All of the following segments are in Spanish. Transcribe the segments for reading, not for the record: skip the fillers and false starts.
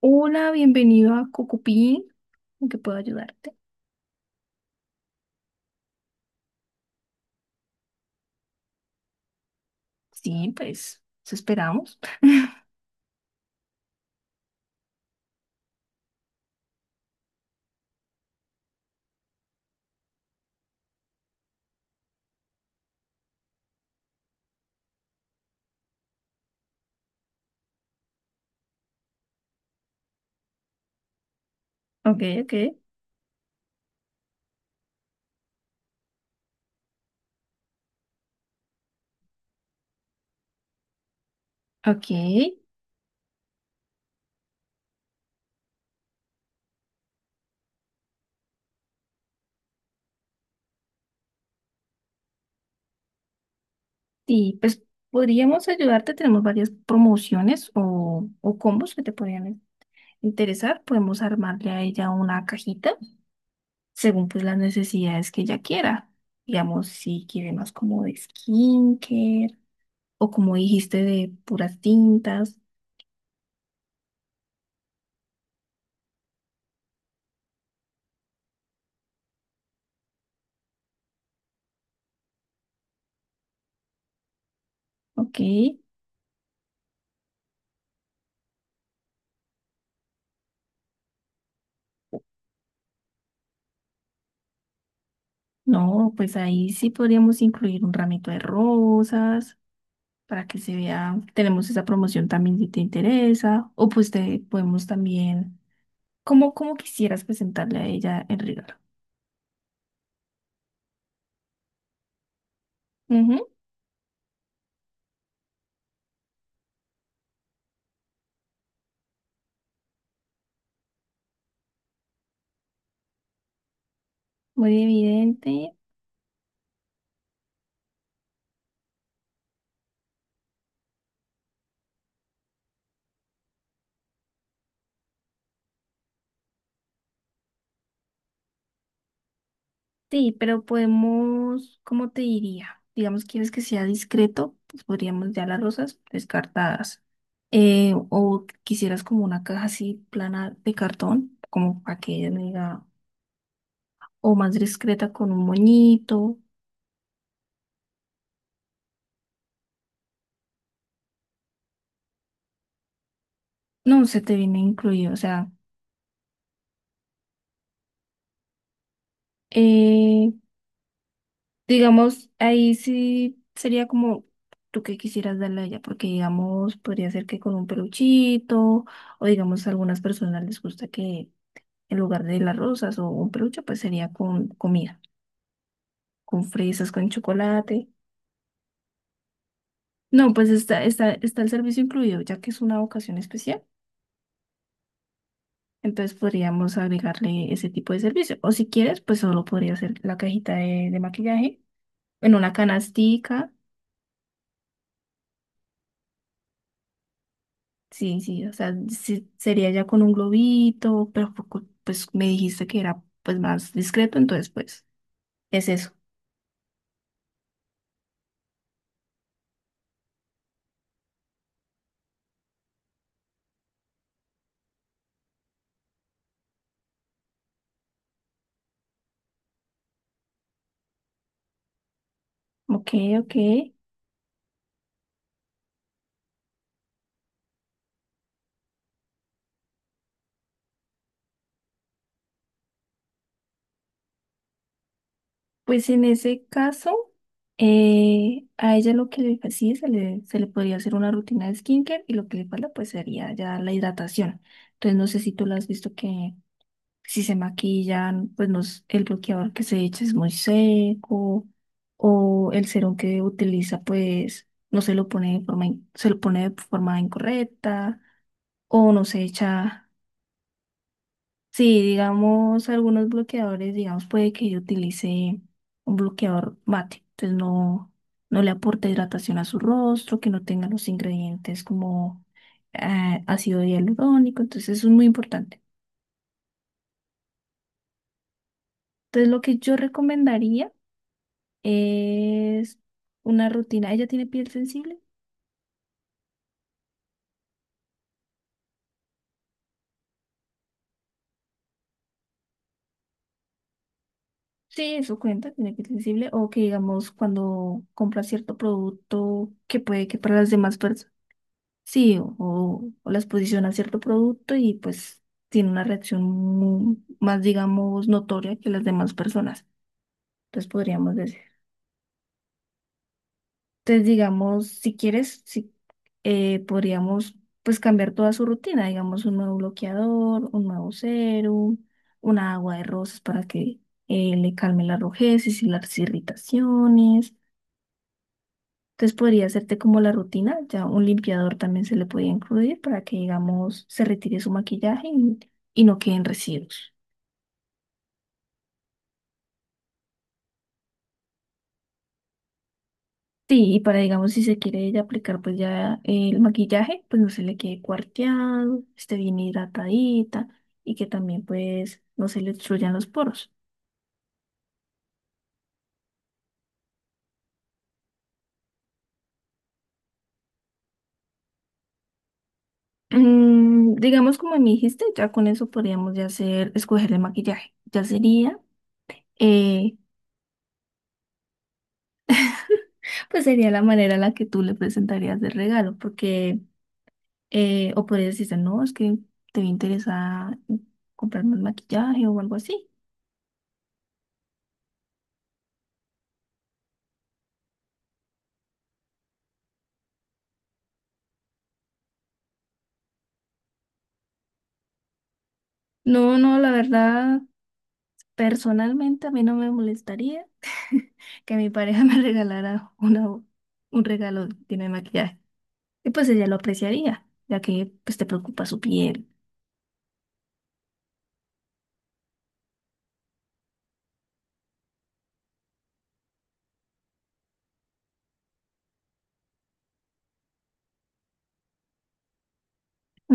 Hola, bienvenido a Cocupín. ¿En qué puedo ayudarte? Sí, pues, eso esperamos. Ok, ok. Ok. Y pues podríamos ayudarte. Tenemos varias promociones o combos que te podrían interesar. Podemos armarle a ella una cajita según pues las necesidades que ella quiera. Digamos, si quiere más como de skincare o como dijiste de puras tintas. Ok. No, pues ahí sí podríamos incluir un ramito de rosas para que se vea. Tenemos esa promoción también si te interesa. O pues te podemos también, como, como quisieras presentarle a ella el regalo. Ujú, muy evidente. Sí, pero podemos, ¿cómo te diría? Digamos, quieres que sea discreto, pues podríamos ya las rosas descartadas. O quisieras como una caja así plana de cartón, como para que ella no diga, o más discreta con un moñito. No, se te viene incluido, o sea, eh, digamos, ahí sí sería como tú que quisieras darle a ella, porque digamos, podría ser que con un peluchito, o digamos, a algunas personas les gusta que en lugar de las rosas o un peluche, pues sería con comida, con fresas, con chocolate. No, pues está el servicio incluido, ya que es una ocasión especial. Entonces podríamos agregarle ese tipo de servicio. O si quieres, pues solo podría ser la cajita de maquillaje en una canastica. Sí, sí, o sea, sí, sería ya con un globito, pero poco- pues me dijiste que era pues más discreto, entonces pues es eso. Ok, ok. Pues en ese caso, a ella lo que le fa- sí, se le podría hacer una rutina de skincare y lo que le falta pues sería ya la hidratación. Entonces no sé si tú la has visto que si se maquillan, pues nos, el bloqueador que se echa es muy seco o el serum que utiliza, pues no se lo pone de forma, in- se lo pone de forma incorrecta o no se echa. Sí, digamos, algunos bloqueadores, digamos, puede que yo utilice un bloqueador mate, entonces no le aporta hidratación a su rostro, que no tenga los ingredientes como ácido hialurónico, entonces eso es muy importante. Entonces, lo que yo recomendaría es una rutina. ¿Ella tiene piel sensible? Sí, eso cuenta, tiene piel sensible. O que digamos cuando compra cierto producto que puede que para las demás personas. Sí, o la exposición a cierto producto y pues tiene una reacción mu- más, digamos, notoria que las demás personas. Entonces podríamos decir. Entonces, digamos, si quieres, si, podríamos pues cambiar toda su rutina, digamos, un nuevo bloqueador, un nuevo serum, una agua de rosas para que le calme la rojeces y las irritaciones. Entonces podría hacerte como la rutina, ya un limpiador también se le podía incluir para que, digamos, se retire su maquillaje y no queden residuos. Sí, y para, digamos, si se quiere ella aplicar, pues ya el maquillaje, pues no se le quede cuarteado, esté bien hidratadita y que también, pues, no se le obstruyan los poros. Mm, digamos, como me dijiste, ya con eso podríamos ya hacer, escoger el maquillaje. Ya sería, eh, pues sería la manera en la que tú le presentarías el regalo, porque, o podrías decirte, no, es que te interesa comprarme el maquillaje o algo así. No, no, la verdad. Personalmente a mí no me molestaría que mi pareja me regalara una, un regalo lleno de maquillaje. Y pues ella lo apreciaría, ya que pues te preocupa su piel.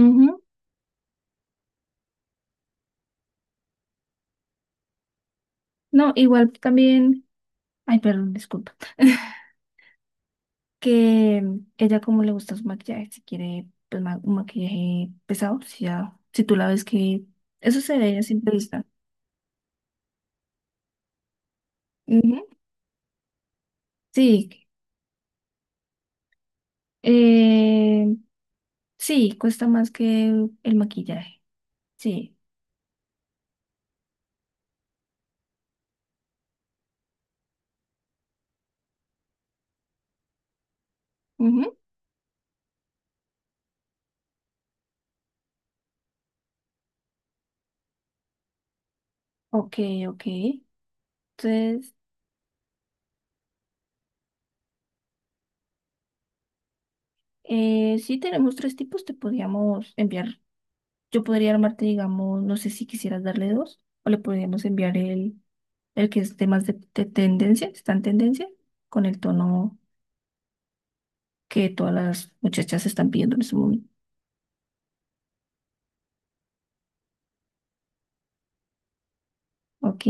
Ujú. No, igual también, ay, perdón, disculpa, que ella como le gusta su maquillaje, si quiere pues ma- un maquillaje pesado, si, ya, si tú la ves que eso se ve a simple vista. Ujú. Sí, eh, sí, cuesta más que el maquillaje. Sí. Ok, ok. Entonces, sí tenemos tres tipos, te podríamos enviar. Yo podría armarte, digamos, no sé si quisieras darle dos, o le podríamos enviar el que es de más de tendencia, está en tendencia, con el tono que todas las muchachas están pidiendo en ese momento. Ok.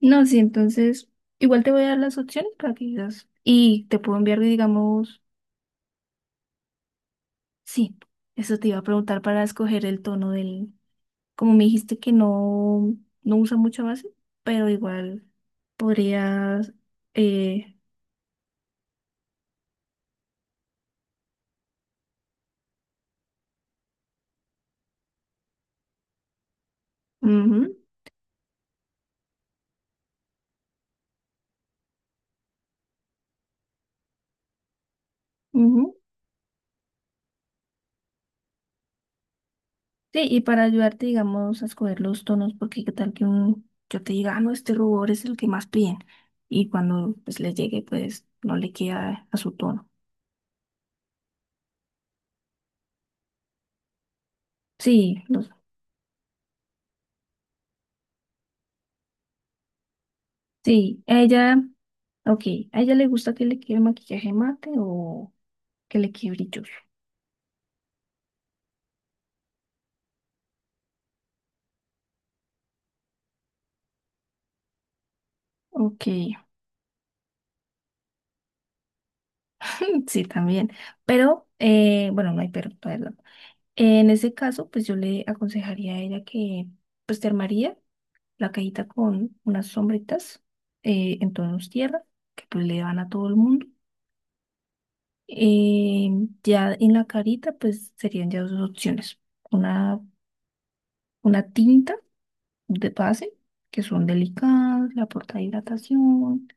No, sí, entonces, igual te voy a dar las opciones para que digas. Y te puedo enviar, digamos, sí, eso te iba a preguntar para escoger el tono del, como me dijiste que no, no usa mucha base, pero igual podrías... Eh, ujú, ujú. Sí, y para ayudarte, digamos, a escoger los tonos, porque qué tal que un, yo te diga, ah, no, este rubor es el que más piden. Y cuando pues le llegue, pues no le queda a su tono. Sí, los, sí, a ella, ok, ¿a ella le gusta que le quede maquillaje mate o que le quede brilloso? Ok, sí, también. Pero, bueno, no hay pero, perdón. En ese caso, pues yo le aconsejaría a ella que pues te armaría la cajita con unas sombritas en tonos tierra, que pues le van a todo el mundo. Eh, ya en la carita, pues serían ya dos opciones. Una, una tinta de base, que son delicadas, la porta hidratación,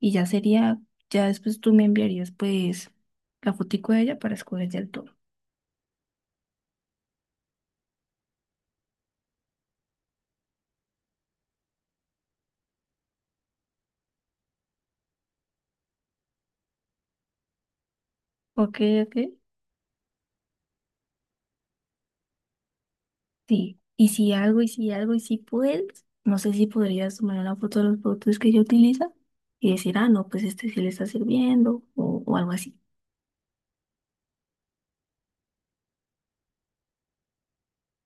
y ya sería, ya después tú me enviarías pues la fotico de ella para escoger ya el tono. Ok, ok. Sí, y si puedes, no sé si podrías tomar una foto de los productos que ella utiliza y decir, ah, no, pues este sí le está sirviendo o algo así.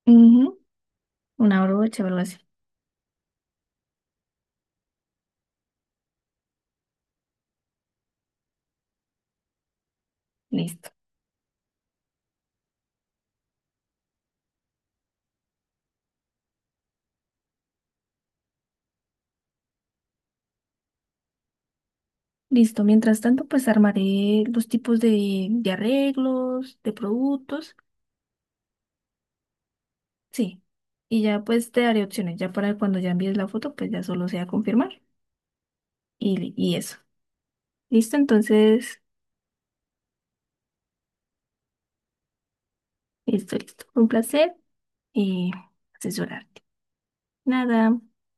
Ujú, una brocha o algo así. Listo. Listo. Mientras tanto, pues armaré los tipos de arreglos, de productos. Sí. Y ya pues te daré opciones. Ya para cuando ya envíes la foto, pues ya solo sea confirmar y, li- y eso. Listo, entonces, listo, listo. Un placer y asesorarte. Nada.